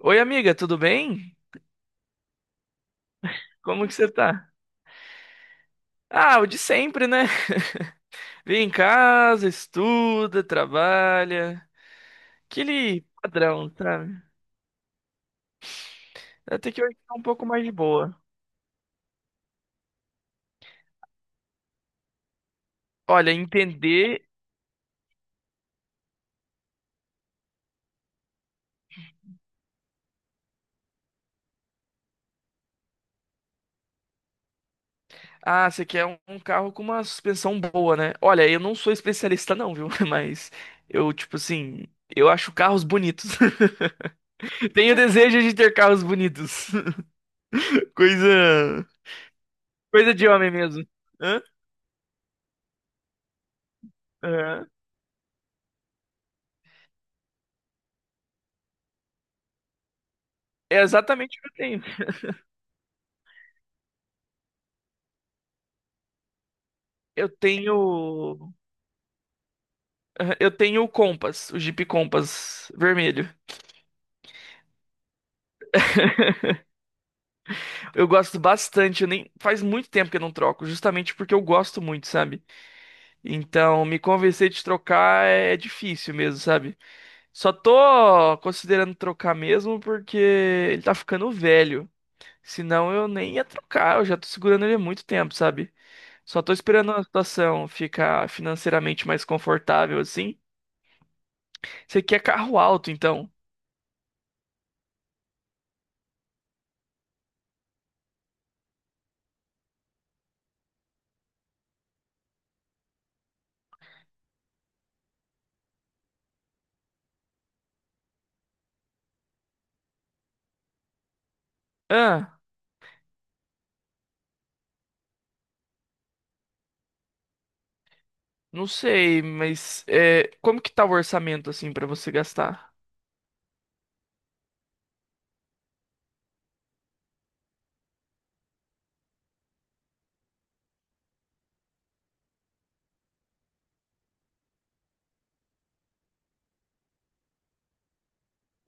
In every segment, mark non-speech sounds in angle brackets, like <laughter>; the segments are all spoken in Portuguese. Oi, amiga, tudo bem? Como que você tá? Ah, o de sempre, né? <laughs> Vem em casa, estuda, trabalha. Aquele padrão, sabe? Até que hoje tá um pouco mais de boa. Olha, entender. Ah, você quer um carro com uma suspensão boa, né? Olha, eu não sou especialista, não, viu? <laughs> Mas eu, tipo assim, eu acho carros bonitos. <laughs> Tenho desejo de ter carros bonitos. <laughs> Coisa. Coisa de homem mesmo. Hã? Aham. É exatamente o que eu tenho. Eu tenho. Eu tenho o Compass, o Jeep Compass vermelho. <laughs> Eu gosto bastante, eu nem faz muito tempo que eu não troco, justamente porque eu gosto muito, sabe? Então, me convencer de trocar é difícil mesmo, sabe? Só tô considerando trocar mesmo porque ele tá ficando velho. Senão eu nem ia trocar, eu já tô segurando ele há muito tempo, sabe? Só tô esperando a situação ficar financeiramente mais confortável assim. Você quer carro alto, então? Não sei, mas é, como que tá o orçamento assim pra você gastar?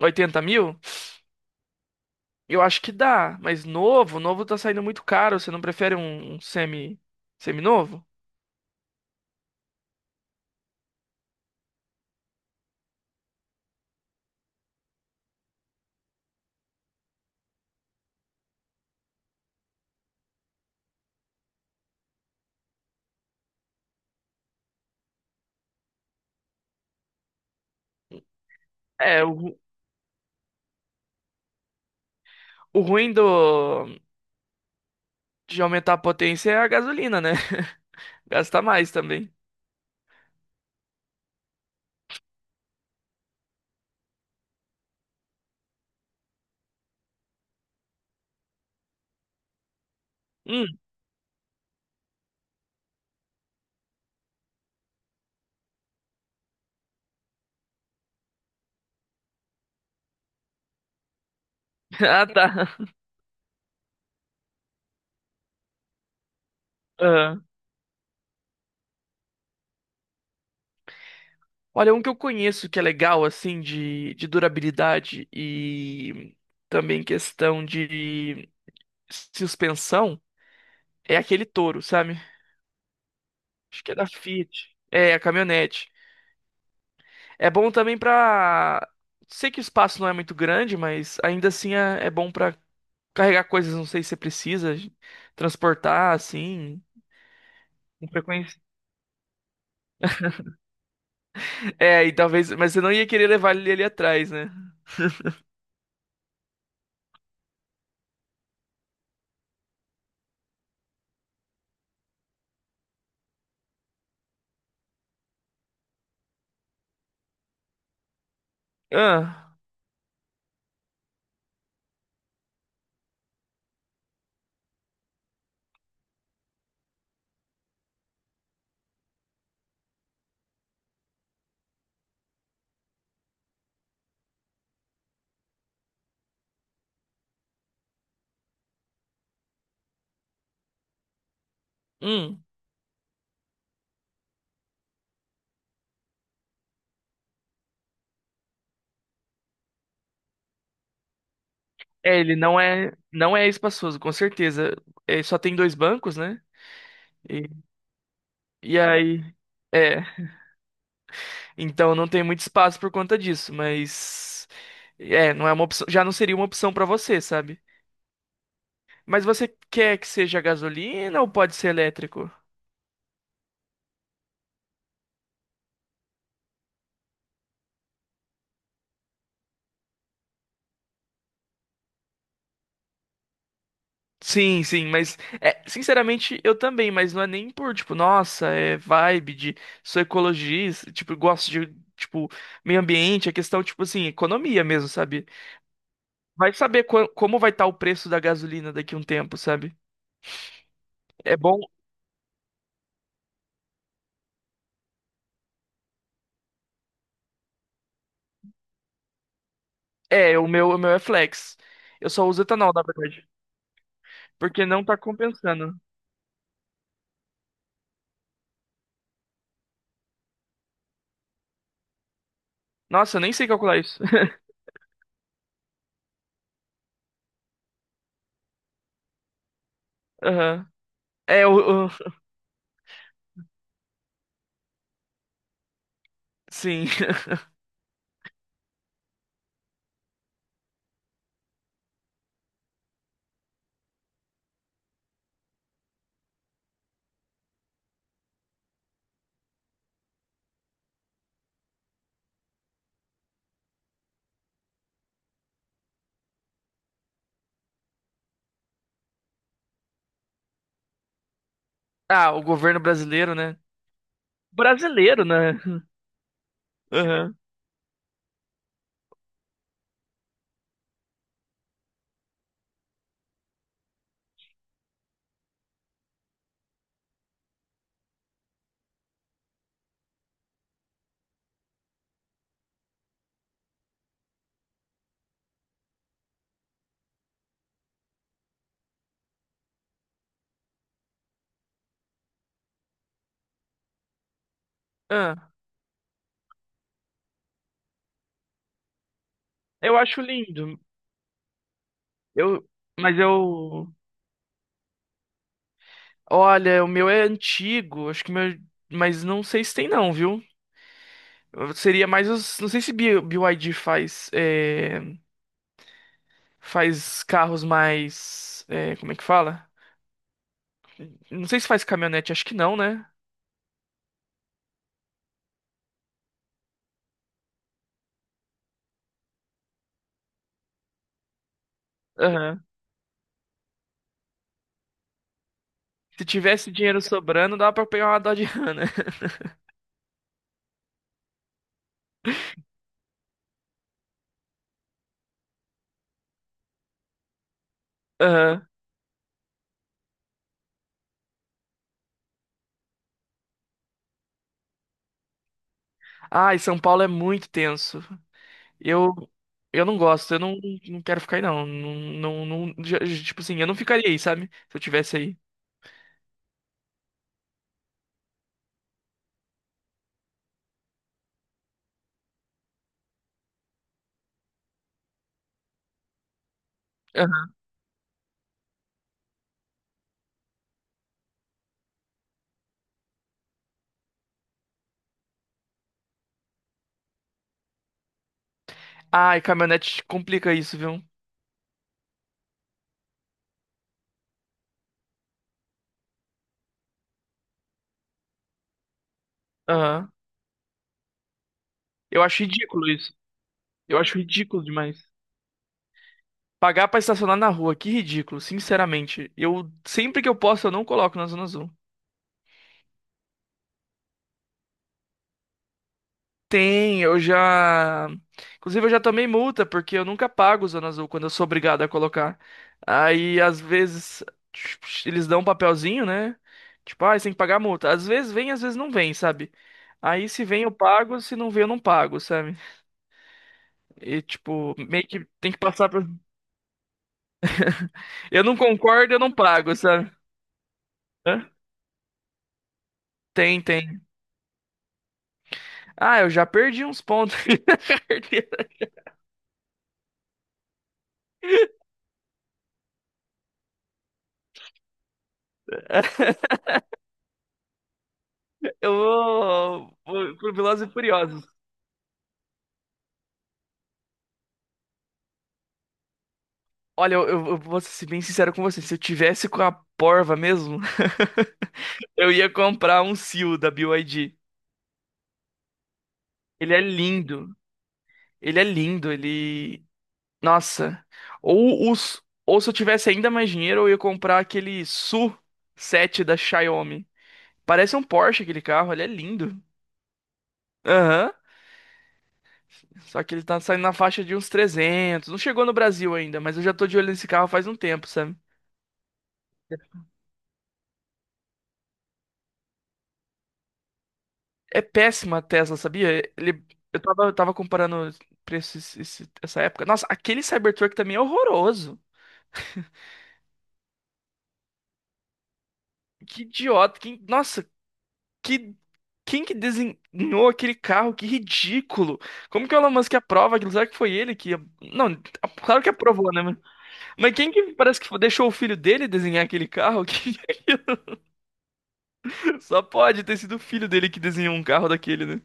80 mil? Eu acho que dá, mas novo, novo tá saindo muito caro. Você não prefere um semi-novo? É, o ruim de aumentar a potência é a gasolina, né? <laughs> Gasta mais também. Hum, <laughs> ah, tá. Aham. Olha, um que eu conheço que é legal, assim, de durabilidade e também questão de suspensão é aquele Toro, sabe? Acho que é da Fiat. É, a caminhonete. É bom também pra. Sei que o espaço não é muito grande, mas ainda assim é bom pra carregar coisas, não sei se você precisa, transportar assim, com frequência. É, e talvez. Mas você não ia querer levar ele ali atrás, né? Ah, hum. É, ele não é espaçoso, com certeza. É, só tem dois bancos, né? E, e aí. É, então não tem muito espaço por conta disso, mas. É, não é uma opção. Já não seria uma opção pra você, sabe? Mas você quer que seja gasolina ou pode ser elétrico? Sim, sim, mas é, sinceramente eu também, mas não é nem por tipo, nossa, é vibe de sou ecologista, tipo, gosto de tipo meio ambiente, é questão tipo assim, economia mesmo, sabe? Vai saber como vai estar o preço da gasolina daqui a um tempo, sabe? É bom, é, o meu é flex. Eu só uso etanol, na verdade, porque não tá compensando. Nossa, eu nem sei calcular isso. <laughs> Aham. É o, o- sim. <laughs> Ah, o governo brasileiro, né? Brasileiro, né? Aham. Ah, eu acho lindo. Eu, mas eu, olha, o meu é antigo, acho que o meu, mas não sei se tem não, viu? Seria mais os, não sei se BYD faz faz carros mais, é, como é que fala? Não sei se faz caminhonete, acho que não, né? Aham. Se tivesse dinheiro sobrando, dava pra pegar uma Dodge Ram, né? <laughs> Aham. Ah, e São Paulo é muito tenso. Eu, eu não gosto, eu não, não quero ficar aí, não. Não, não, tipo assim, eu não ficaria aí, sabe? Se eu tivesse aí. Aham. Ai, caminhonete complica isso, viu? Aham. Eu acho ridículo isso. Eu acho ridículo demais. Pagar pra estacionar na rua, que ridículo, sinceramente. Eu, sempre que eu posso, eu não coloco na zona azul. Tem, eu já. Inclusive, eu já tomei multa, porque eu nunca pago o Zona Azul quando eu sou obrigado a colocar. Aí, às vezes, tipo, eles dão um papelzinho, né? Tipo, ah, você tem que pagar a multa. Às vezes vem, às vezes não vem, sabe? Aí, se vem, eu pago, se não vem, eu não pago, sabe? E, tipo, meio que tem que passar por. <laughs> Eu não concordo, eu não pago, sabe? Hã? Tem, tem. Ah, eu já perdi uns pontos <laughs> na carteira. Eu vou pro Velozes e Furiosos. Olha, eu vou ser bem sincero com você. Se eu tivesse com a porva mesmo, <laughs> eu ia comprar um Seal da BYD. Ele é lindo. Ele é lindo. Ele. Nossa. Ou se eu tivesse ainda mais dinheiro, eu ia comprar aquele SU7 da Xiaomi. Parece um Porsche aquele carro. Ele é lindo. Aham. Só que ele tá saindo na faixa de uns 300. Não chegou no Brasil ainda, mas eu já tô de olho nesse carro faz um tempo, sabe? É péssima a Tesla, sabia? Ele, eu tava comparando preço essa época. Nossa, aquele Cybertruck também é horroroso. Que idiota. Nossa, que, quem que desenhou aquele carro? Que ridículo. Como que o Elon Musk aprova aquilo? Será que foi ele que... Não, claro que aprovou, né? Mas quem que parece que deixou o filho dele desenhar aquele carro? <laughs> Que Só pode ter sido o filho dele que desenhou um carro daquele, né?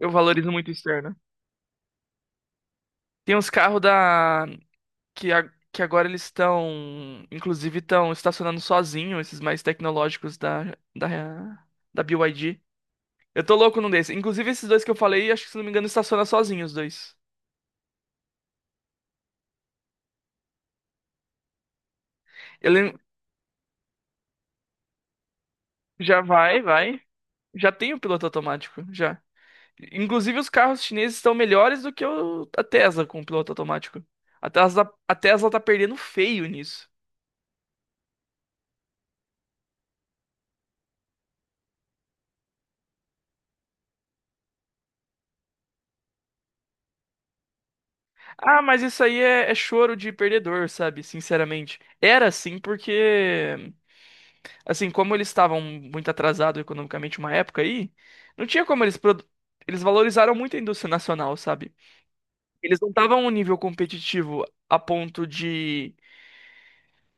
Eu valorizo muito o externo. Tem uns carros que agora eles estão, inclusive, estão estacionando sozinho esses mais tecnológicos da, da BYD. Eu tô louco num desses. Inclusive, esses dois que eu falei, acho que, se não me engano, estaciona sozinho os dois. Ele já vai. Já tem o piloto automático, já. Inclusive, os carros chineses estão melhores do que a Tesla com o piloto automático. A Tesla tá perdendo feio nisso. Ah, mas isso aí é choro de perdedor, sabe? Sinceramente. Era assim porque Assim, como eles estavam muito atrasados economicamente uma época aí, não tinha como eles valorizaram muito a indústria nacional, sabe? Eles não estavam a um nível competitivo a ponto de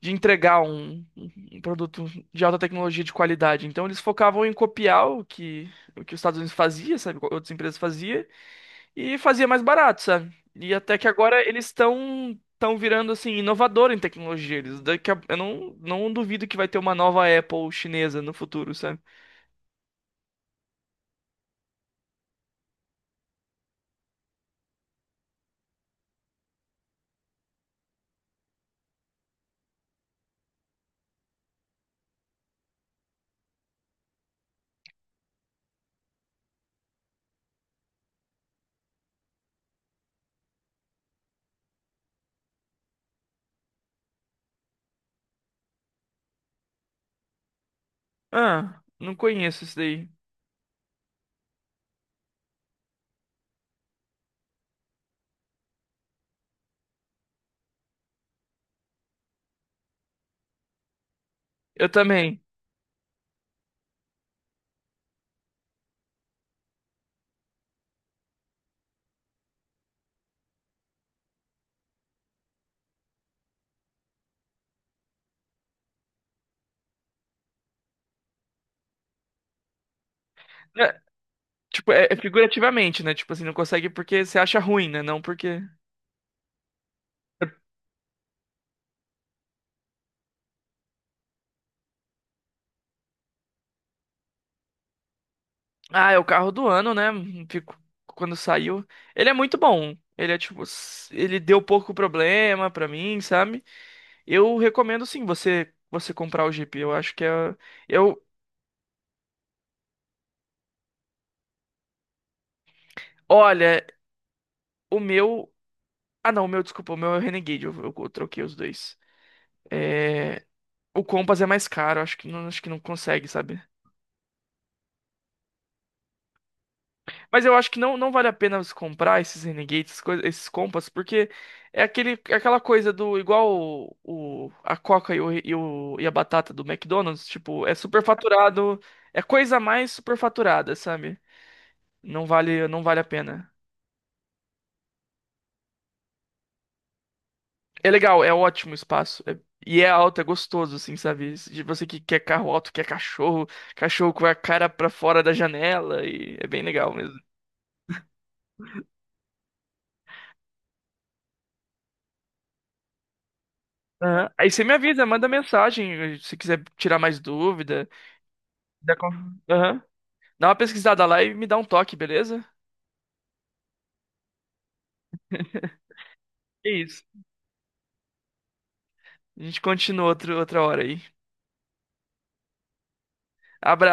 de entregar um produto de alta tecnologia de qualidade. Então eles focavam em copiar o que os Estados Unidos fazia, sabe? O que outras empresas fazia e fazia mais barato, sabe? E até que agora eles estão virando assim inovador em tecnologia. Eu não duvido que vai ter uma nova Apple chinesa no futuro, sabe? Ah, não conheço isso daí. Eu também. É, tipo, é figurativamente, né? Tipo assim, não consegue porque você acha ruim, né? Não porque. Ah, é o carro do ano, né? Fico. Quando saiu. Ele é muito bom. Ele é tipo. Ele deu pouco problema pra mim, sabe? Eu recomendo sim você comprar o Jeep. Eu acho que é. Eu. Olha, o meu. Ah, não, desculpa, o meu é o Renegade. Eu troquei os dois. É. O Compass é mais caro, acho que não consegue, sabe? Mas eu acho que não, não vale a pena você comprar esses Renegades, esses Compass, porque é aquela coisa do igual a Coca e a batata do McDonald's, tipo, é superfaturado, é coisa mais superfaturada, sabe? Não vale, não vale a pena. É legal, é ótimo o espaço. E é alto, é gostoso, assim, sabe? De você que quer carro alto, quer cachorro, cachorro com a cara pra fora da janela, e é bem legal mesmo. Aham. Aí você me avisa, manda mensagem se quiser tirar mais dúvida. Já con- Aham. Dá uma pesquisada lá e me dá um toque, beleza? <laughs> É isso. A gente continua outra hora aí. Abraço.